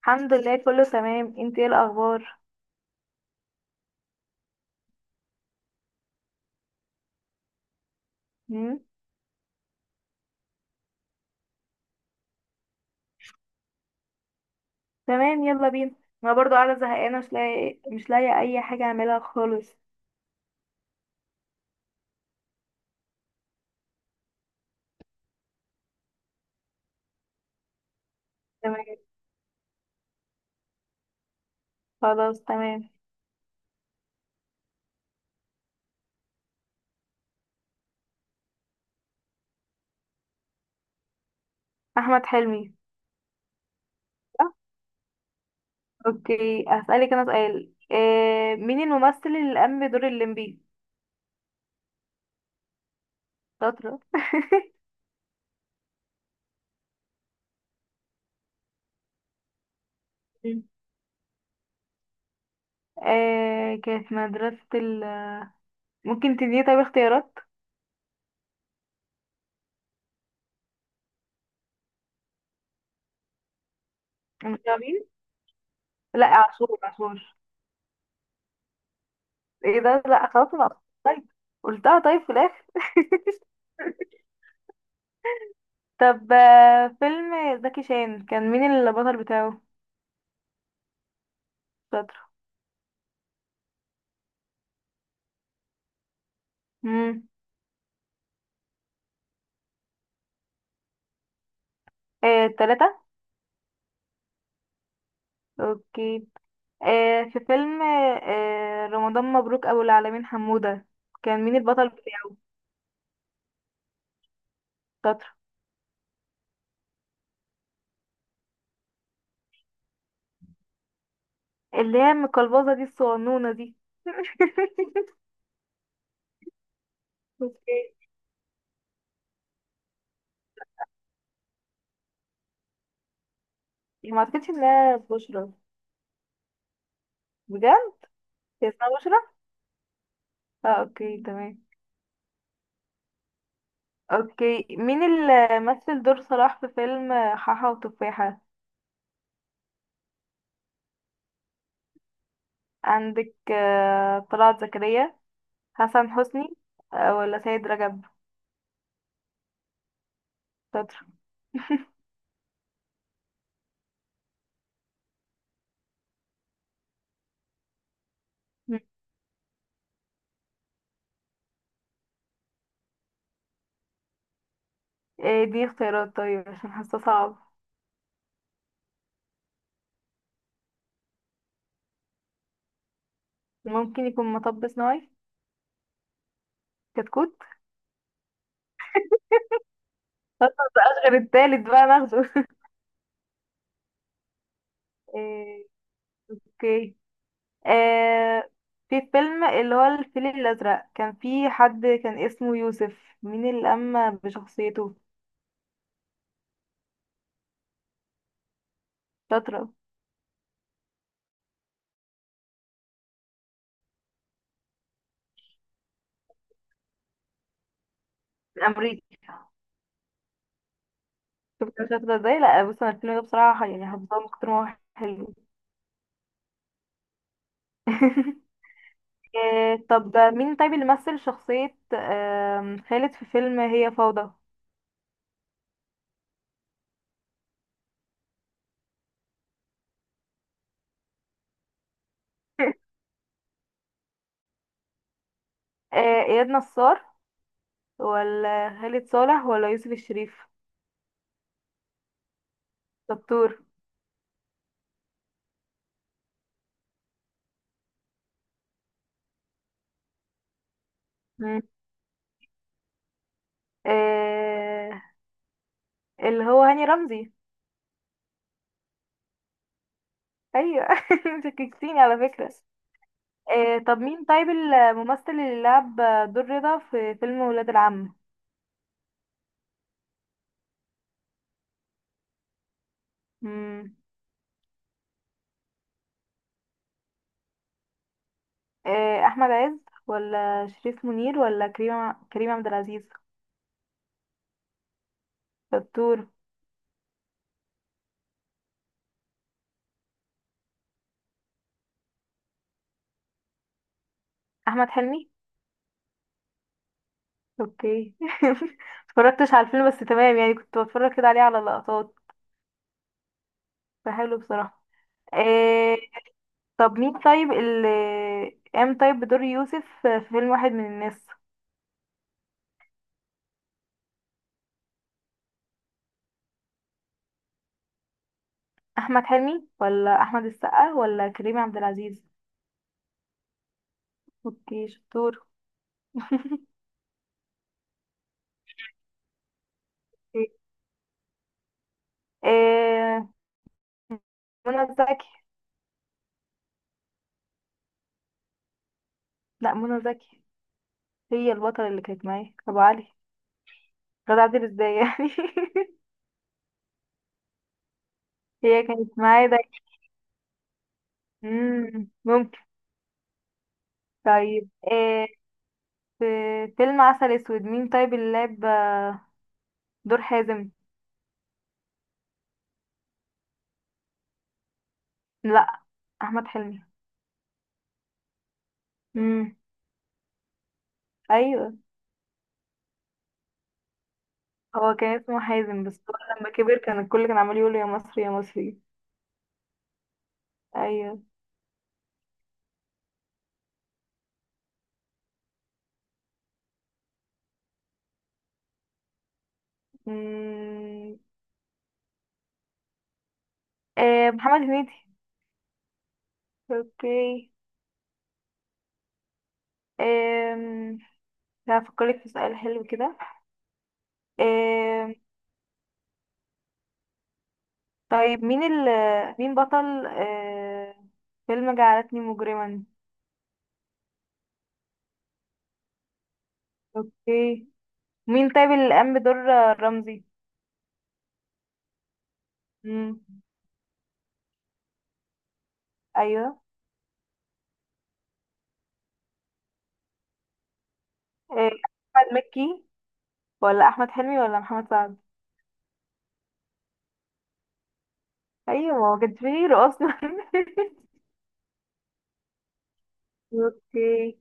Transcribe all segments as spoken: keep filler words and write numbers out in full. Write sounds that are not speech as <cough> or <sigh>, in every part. الحمد لله كله تمام. انت ايه الاخبار؟ مم؟ تمام، يلا بينا. انا برضو قاعده زهقانه، مش لاقي مش لاقي اي حاجه اعملها خالص. تمام، خلاص تمام. احمد حلمي. صح؟ اوكي، هسألك انا سؤال. آه مين الممثل اللي قام بدور الليمبي؟ شاطره. <laughs> مم. آه كانت مدرسه ال ممكن تديني طيب اختيارات؟ مش عارفين. لا، عاشور عاشور. ايه ده، لا خلاص انا قلت- طيب، قلتها طيب في الاخر. <laughs> طب، آه، فيلم زكي شان كان مين البطل بتاعه؟ شاطر. امم آه، تلاتة. اوكي. آه، في فيلم آه، رمضان مبروك ابو العالمين حمودة، كان مين البطل بتاعه؟ شاطر. اللي هي المقلبزة دي، الصغنونة دي. <laughs> اوكي. ما اعتقدش انها بشرى. بجد، هي اسمها بشرى؟ اه، اوكي تمام. اوكي، مين اللي مثل دور صلاح في فيلم حاحة وتفاحة؟ عندك آه، طلعت زكريا، حسن حسني، آه، ولا سيد رجب؟ شاطر. مم. ايه دي اختيارات طيب، عشان حاسه صعب. ممكن يكون مطب صناعي. كتكوت. خلاص مبقاش غير التالت بقى ناخده. <laughs> إيه، اوكي. إيه، في فيلم اللي هو الفيل الأزرق، كان في حد كان اسمه يوسف، مين اللي قام بشخصيته؟ شاطرة. أمريكي. شفت أنا شاطرة ازاي؟ لا بص، أنا الفيلم ده بصراحة يعني حافظاه من كتر ما هو حلو. <laughs> آه، طب مين طيب اللي مثل شخصية آم، خالد في فيلم هي فوضى؟ <laughs> آه، إياد نصار ولا خالد صالح ولا يوسف الشريف؟ دكتور. مم. آه، اللي هو هاني رمزي. أيوة. <laughs> انت شككتيني على فكرة. آه، طب مين طيب الممثل اللي لعب دور رضا في فيلم ولاد العم؟ مم. آه، أحمد عز ولا شريف منير ولا كريم كريم عبد العزيز؟ دكتور. أحمد حلمي. اوكي. <laughs> اتفرجتش على الفيلم بس تمام يعني، كنت بتفرج كده عليه على لقطات، فحلو بصراحة. إيه، طب مين طيب اللي قام طيب بدور يوسف في فيلم واحد من الناس؟ احمد حلمي ولا احمد السقا ولا كريم عبد العزيز؟ اوكي، شطور. اوكي. إيه، منى زكي. لا، منى زكي هي البطلة اللي كانت معايا ابو علي. غادة عادل ازاي يعني؟ <laughs> هي كانت معايا ده. مم، ممكن. طيب، آه، في فيلم عسل اسود، مين طيب اللي لعب دور حازم؟ لا، احمد حلمي. امم. ايوه، هو كان اسمه حازم، بس هو لما كبر كان الكل كان عمال يقول له يا مصري يا مصري. ايوه. امم آه محمد هنيدي. اوكي. امم هفكرك في سؤال حلو كده. آه طيب مين ال مين بطل آه فيلم جعلتني مجرما؟ اوكي. مين طيب اللي قام بدور رمزي؟ امم ايوه. إيه، احمد مكي ولا احمد حلمي ولا محمد سعد؟ ايوه، ما هو كانش فيه غيره اصلا. <laughs> اوكي.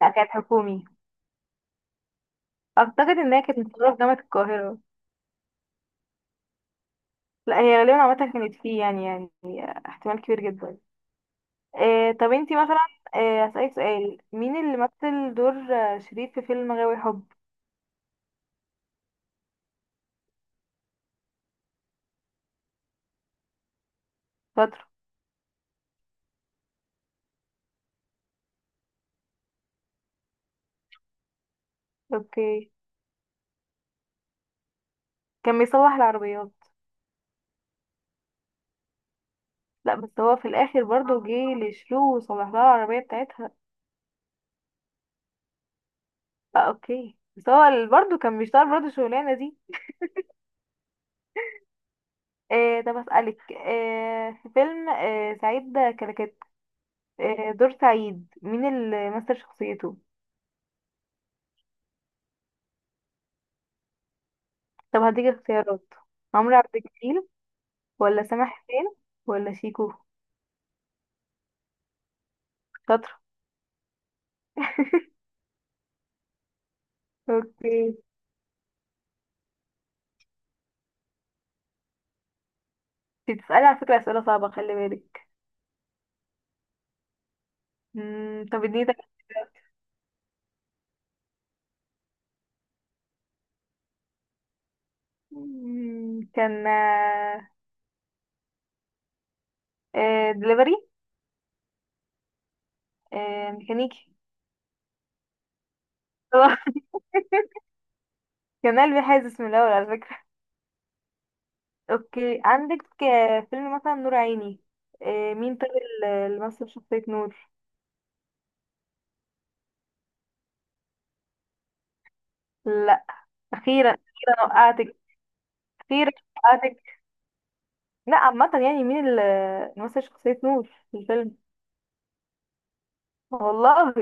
لا، كانت حكومي. اعتقد انها كانت متصوره في جامعه القاهره. لا، هي غالبا عامه كانت فيه يعني يعني احتمال كبير جدا. إيه، طب انتي مثلا، إيه اسالك سؤال، مين اللي مثل دور آه، شريف في فيلم غاوي حب؟ شاطر. اوكي. كان بيصلح العربيات. لا، بس هو في الاخر برضه جه لشلو وصلح لها العربيه بتاعتها. آه، اوكي، بس هو ال- برضه كان بيشتغل برضه الشغلانه دي. إيه، طب أسألك إيه، في فيلم إيه سعيد كلكت، إيه دور سعيد، مين اللي مثل شخصيته؟ طب هديك اختيارات، عمرو عبد الجليل ولا سامح حسين ولا شيكو؟ شاطرة. <laughs> اوكي، انت بتسألي على فكرة أسئلة صعبة، خلي بالك. مم، طب اديني ده. مم، كان آه دليفري. آه، ميكانيكي. <laughs> كان قلبي حاسس من الأول على فكرة. اوكي، عندك آه، فيلم مثلا نور عيني. آه، مين طيب اللي مثل شخصية نور؟ لا، اخيرا اخيرا وقعتك. اخيرا وقعتك. لا عامة يعني، مين اللي مثل شخصية نور في الفيلم؟ والله،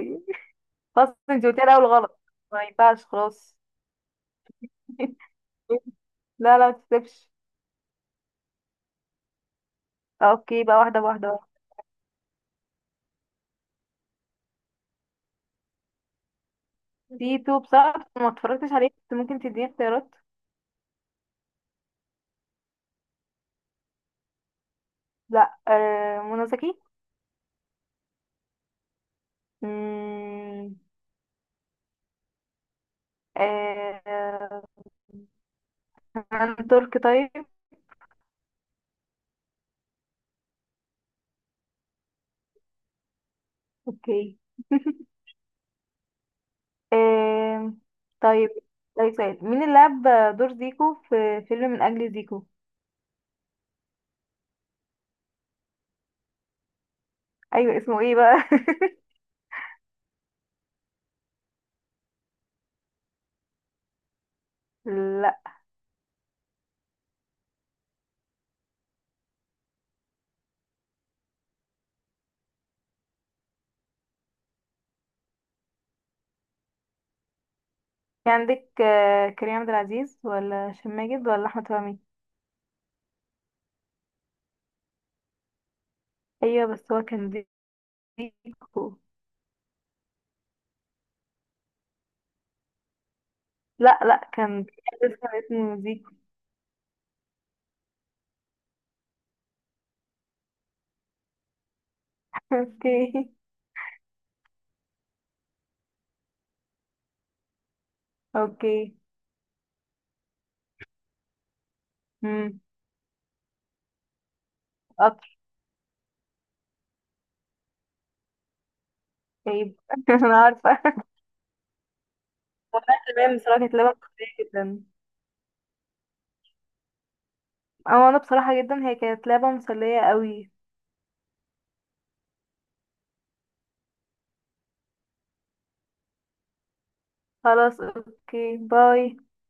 خلاص، انت قلتيها الاول غلط، ما ينفعش خلاص. <laughs> لا لا، ما تكسبش. اوكي بقى، واحدة بواحدة. تيتو بصراحة ما اتفرجتش عليه، بس ممكن تديني اختيارات؟ لا، آه، منى زكي. مم، آه، هند ترك طيب. اوكي. <laughs> آم، طيب طيب سؤال، مين اللي لعب دور زيكو في فيلم من أجل زيكو؟ ايوه، اسمه ايه بقى؟ <laughs> لا، في عندك آه، كريم عبد العزيز ولا هشام ماجد ولا احمد فهمي؟ ايوه بس هو كان زيكو. لا لا، كان كان اسمه زيكو. <laughs> اوكي. اوكي. امم قطر. طيب. <laughs> انا عارفه. <laughs> والله، تمام بصراحه، كانت لعبه مسليه جدا. او انا بصراحه جدا، هي كانت لعبه مسليه قوي. خلاص، اوكي، باي.